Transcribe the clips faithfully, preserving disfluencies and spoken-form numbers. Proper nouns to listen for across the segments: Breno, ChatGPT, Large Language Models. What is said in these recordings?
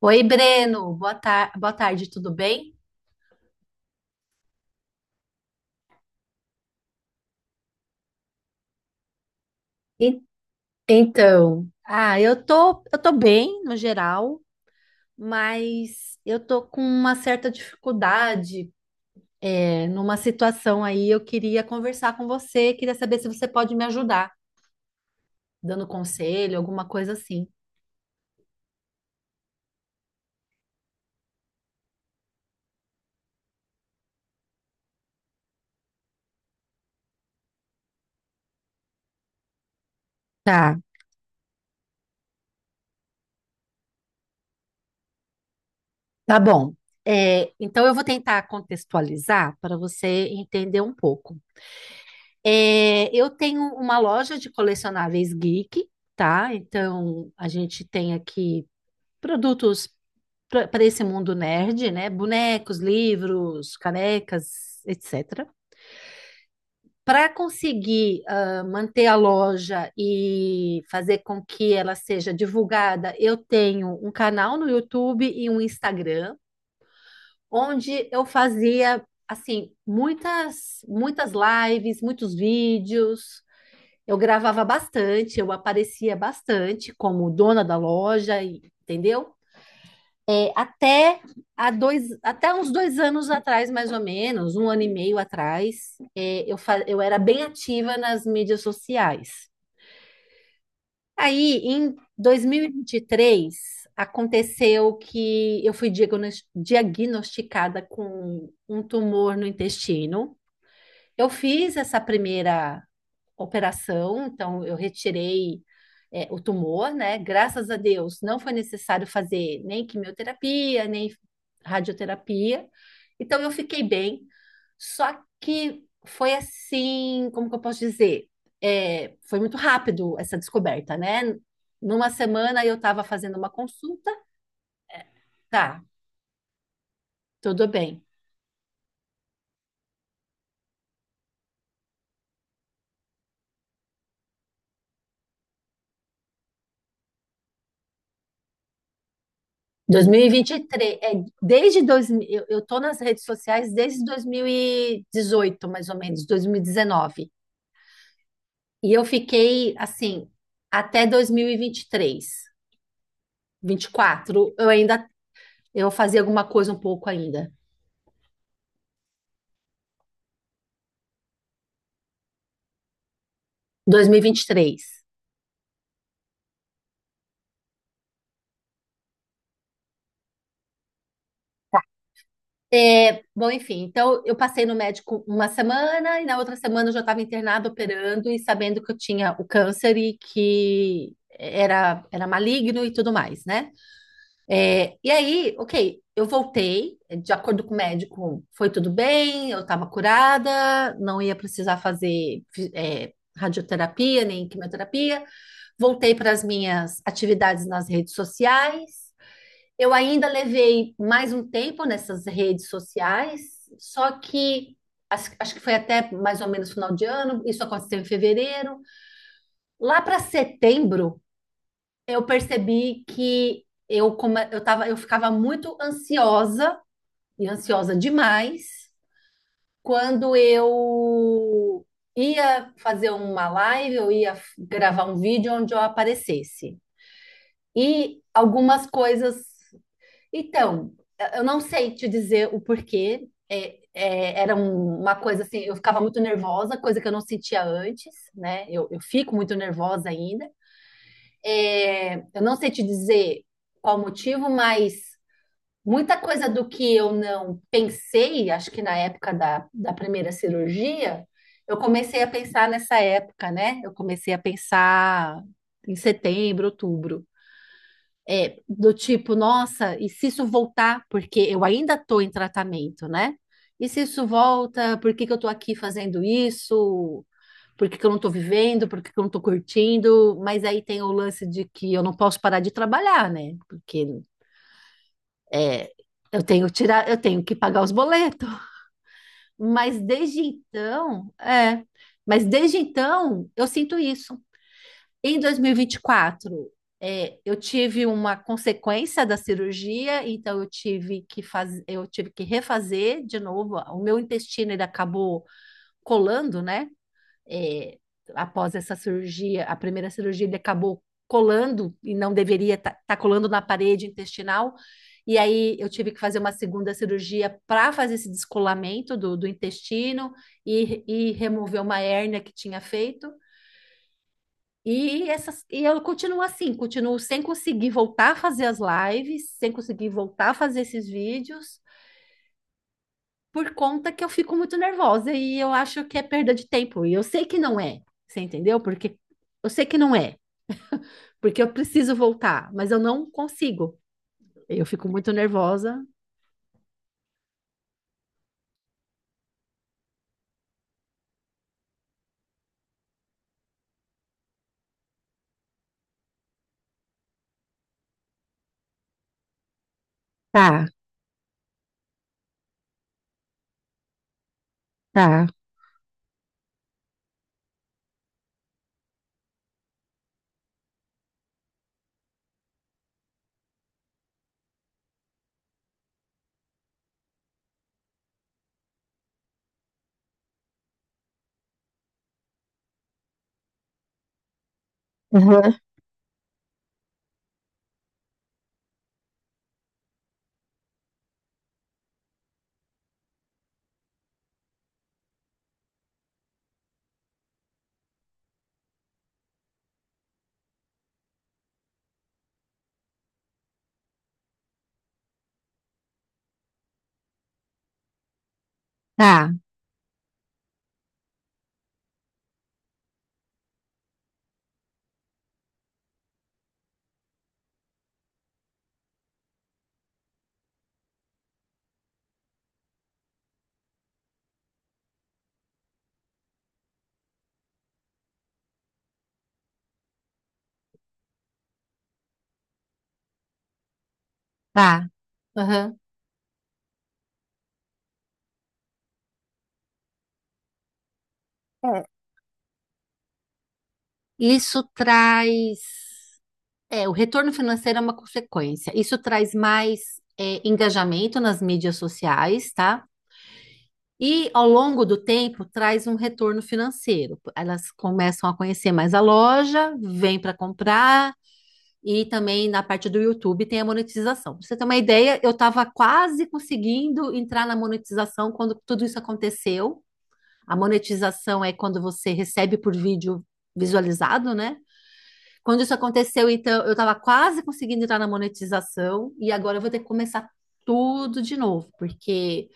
Oi, Breno, boa tar- boa tarde, tudo bem? En- Então, Ah, eu tô, eu tô bem no geral, mas eu tô com uma certa dificuldade, é, numa situação aí. Eu queria conversar com você, queria saber se você pode me ajudar, dando conselho, alguma coisa assim. Tá, tá bom. É, então eu vou tentar contextualizar para você entender um pouco. É, eu tenho uma loja de colecionáveis geek, tá? Então a gente tem aqui produtos para esse mundo nerd, né? Bonecos, livros, canecas, et cetera. Para conseguir ah, manter a loja e fazer com que ela seja divulgada, eu tenho um canal no YouTube e um Instagram, onde eu fazia assim muitas muitas lives, muitos vídeos. Eu gravava bastante, eu aparecia bastante como dona da loja, e- entendeu? É, até há dois, até uns dois anos atrás, mais ou menos, um ano e meio atrás, é, eu, fa- eu era bem ativa nas mídias sociais. Aí, em dois mil e e vinte e três, aconteceu que eu fui diagnos- diagnosticada com um tumor no intestino. Eu fiz essa primeira operação, então eu retirei é, o tumor, né? Graças a Deus, não foi necessário fazer nem quimioterapia, nem radioterapia. Então eu fiquei bem. Só que foi assim, como que eu posso dizer? É, foi muito rápido essa descoberta, né? Numa semana eu estava fazendo uma consulta, tá, tudo bem. dois mil e vinte e três, é, desde dois, mi- eu, eu tô nas redes sociais desde dois mil e dezoito, mais ou menos, dois mil e dezenove. E dezenove. E eu fiquei assim até dois mil e vinte e três, vinte e quatro, eu ainda eu fazia alguma coisa um pouco ainda. dois mil e vinte e três. É, bom, enfim, então eu passei no médico uma semana e na outra semana eu já estava internada operando e sabendo que eu tinha o câncer e que era era maligno e tudo mais, né? É, e aí, ok, eu voltei, de acordo com o médico, foi tudo bem, eu estava curada, não ia precisar fazer é, radioterapia nem quimioterapia. Voltei para as minhas atividades nas redes sociais. Eu ainda levei mais um tempo nessas redes sociais, só que acho, acho que foi até mais ou menos final de ano, isso aconteceu em fevereiro. Lá para setembro, eu percebi que eu, come- eu tava, eu ficava muito ansiosa e ansiosa demais quando eu ia fazer uma live, eu ia f- gravar um vídeo onde eu aparecesse. E algumas coisas. Então, eu eu não sei te dizer o porquê. É, é, era um- uma coisa assim, eu ficava muito nervosa, coisa que eu não sentia antes, né? Eu, eu fico muito nervosa ainda, é, eu não sei te dizer qual motivo, mas muita coisa do que eu não pensei, acho que na época da, da primeira cirurgia, eu comecei a pensar nessa época, né? Eu comecei a pensar em setembro, outubro. É, do tipo, nossa, e se isso voltar, porque eu ainda estou em tratamento, né? E se isso volta, por que que eu estou aqui fazendo isso? Por que que eu não estou vivendo? Por que que eu não estou curtindo? Mas aí tem o lance de que eu não posso parar de trabalhar, né? Porque eu tenho que tirar, eu tenho que pagar os boletos. Mas desde então, é, mas desde então eu sinto isso. Em dois mil e vinte e quatro, é, eu tive uma consequência da cirurgia, então eu tive que fazer, eu tive que refazer de novo. O meu intestino ele acabou colando, né? É, Após essa cirurgia, a primeira cirurgia, ele acabou colando e não deveria estar colando na parede intestinal. E aí eu tive que fazer uma segunda cirurgia para fazer esse descolamento do, do intestino e, e remover uma hérnia que tinha feito. E, essas, e eu continuo assim, continuo sem conseguir voltar a fazer as lives, sem conseguir voltar a fazer esses vídeos, por conta que eu fico muito nervosa e eu acho que é perda de tempo. E eu sei que não é, você entendeu? Porque eu sei que não é, porque eu preciso voltar, mas eu não consigo. Eu fico muito nervosa. Tá, tá, aham, tá, tá. Aham. É, Isso traz. É, o retorno financeiro é uma consequência. Isso traz mais é, engajamento nas mídias sociais, tá? E ao longo do tempo traz um retorno financeiro. Elas começam a conhecer mais a loja, vêm para comprar e também na parte do YouTube tem a monetização. Pra você ter uma ideia, eu estava quase conseguindo entrar na monetização quando tudo isso aconteceu. A monetização é quando você recebe por vídeo visualizado, né? Quando isso aconteceu, então, eu estava quase conseguindo entrar na monetização e agora eu vou ter que começar tudo de novo, porque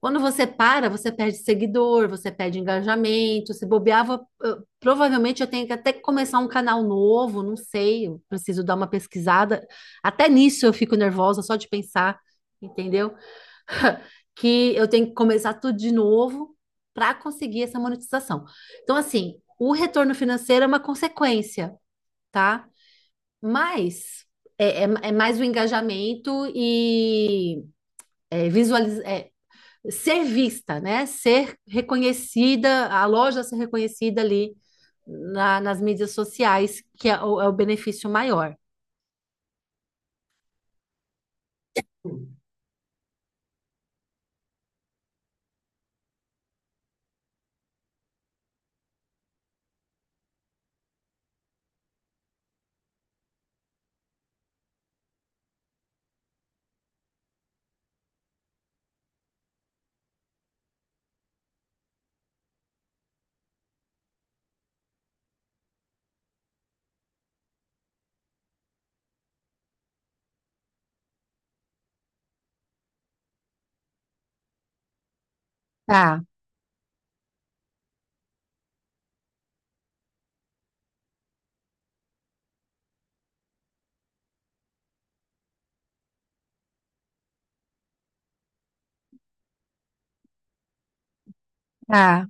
quando você para, você perde seguidor, você perde engajamento, se bobeava, provavelmente eu tenho que até começar um canal novo, não sei, eu preciso dar uma pesquisada. Até nisso eu fico nervosa só de pensar, entendeu? Que eu tenho que começar tudo de novo para conseguir essa monetização. Então, assim, o retorno financeiro é uma consequência, tá? Mas é, é, é mais o engajamento e é, visualiz- é, ser vista, né? Ser reconhecida, a loja ser reconhecida ali na- nas mídias sociais, que é o, é o benefício maior. Tá, tá,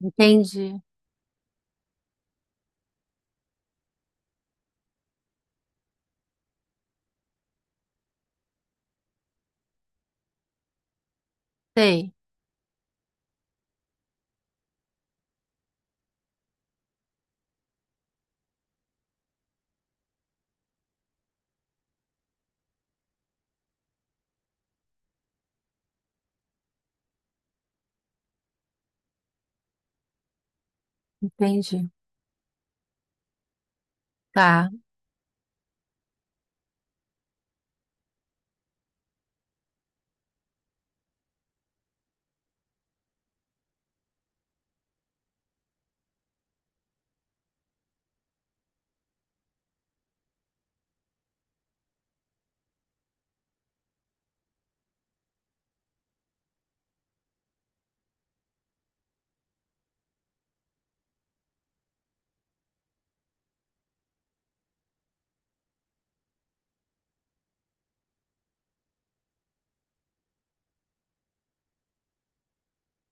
entendi. Sei, entendi. Tá,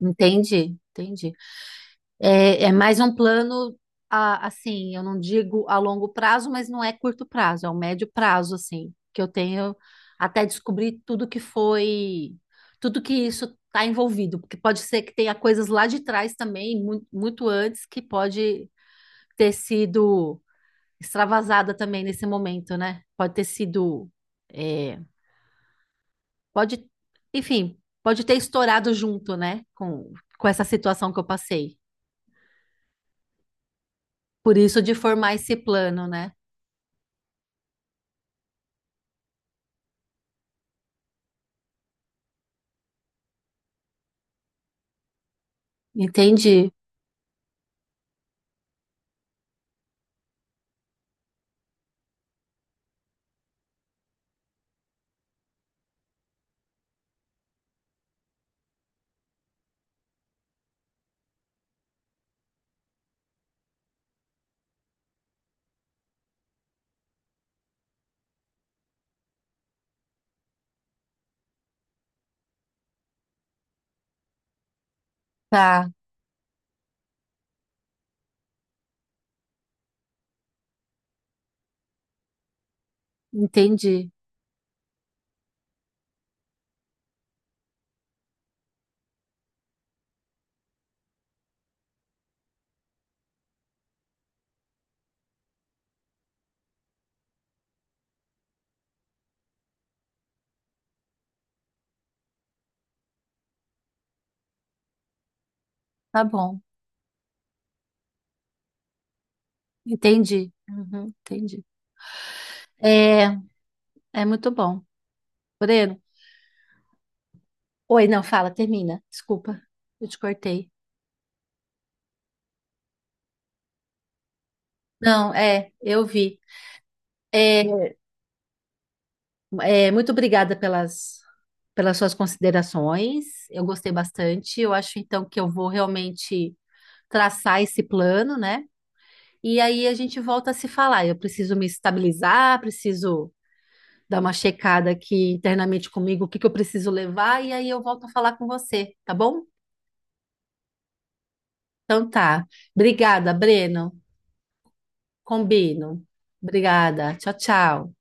entendi, entendi. É, é mais um plano, a- assim, eu não digo a longo prazo, mas não é curto prazo, é um médio prazo, assim, que eu tenho até descobrir tudo que foi, tudo que isso está envolvido, porque pode ser que tenha coisas lá de trás também, mu- muito antes, que pode ter sido extravasada também nesse momento, né? Pode ter sido, é, pode, enfim, pode ter estourado junto, né, com, com essa situação que eu passei. Por isso de formar esse plano, né? Entendi. Tá, entendi. Tá bom. Entendi. Uhum, entendi. É, é muito bom, Breno. Oi, não, fala, termina. Desculpa, eu te cortei. Não, é, eu vi. É, é, muito obrigada pelas, pelas suas considerações. Eu gostei bastante. Eu acho então que eu vou realmente traçar esse plano, né? E aí a gente volta a se falar. Eu preciso me estabilizar, preciso dar uma checada aqui internamente comigo, o que que eu preciso levar, e aí eu volto a falar com você, tá bom? Então tá. Obrigada, Breno. Combino. Obrigada. Tchau, tchau.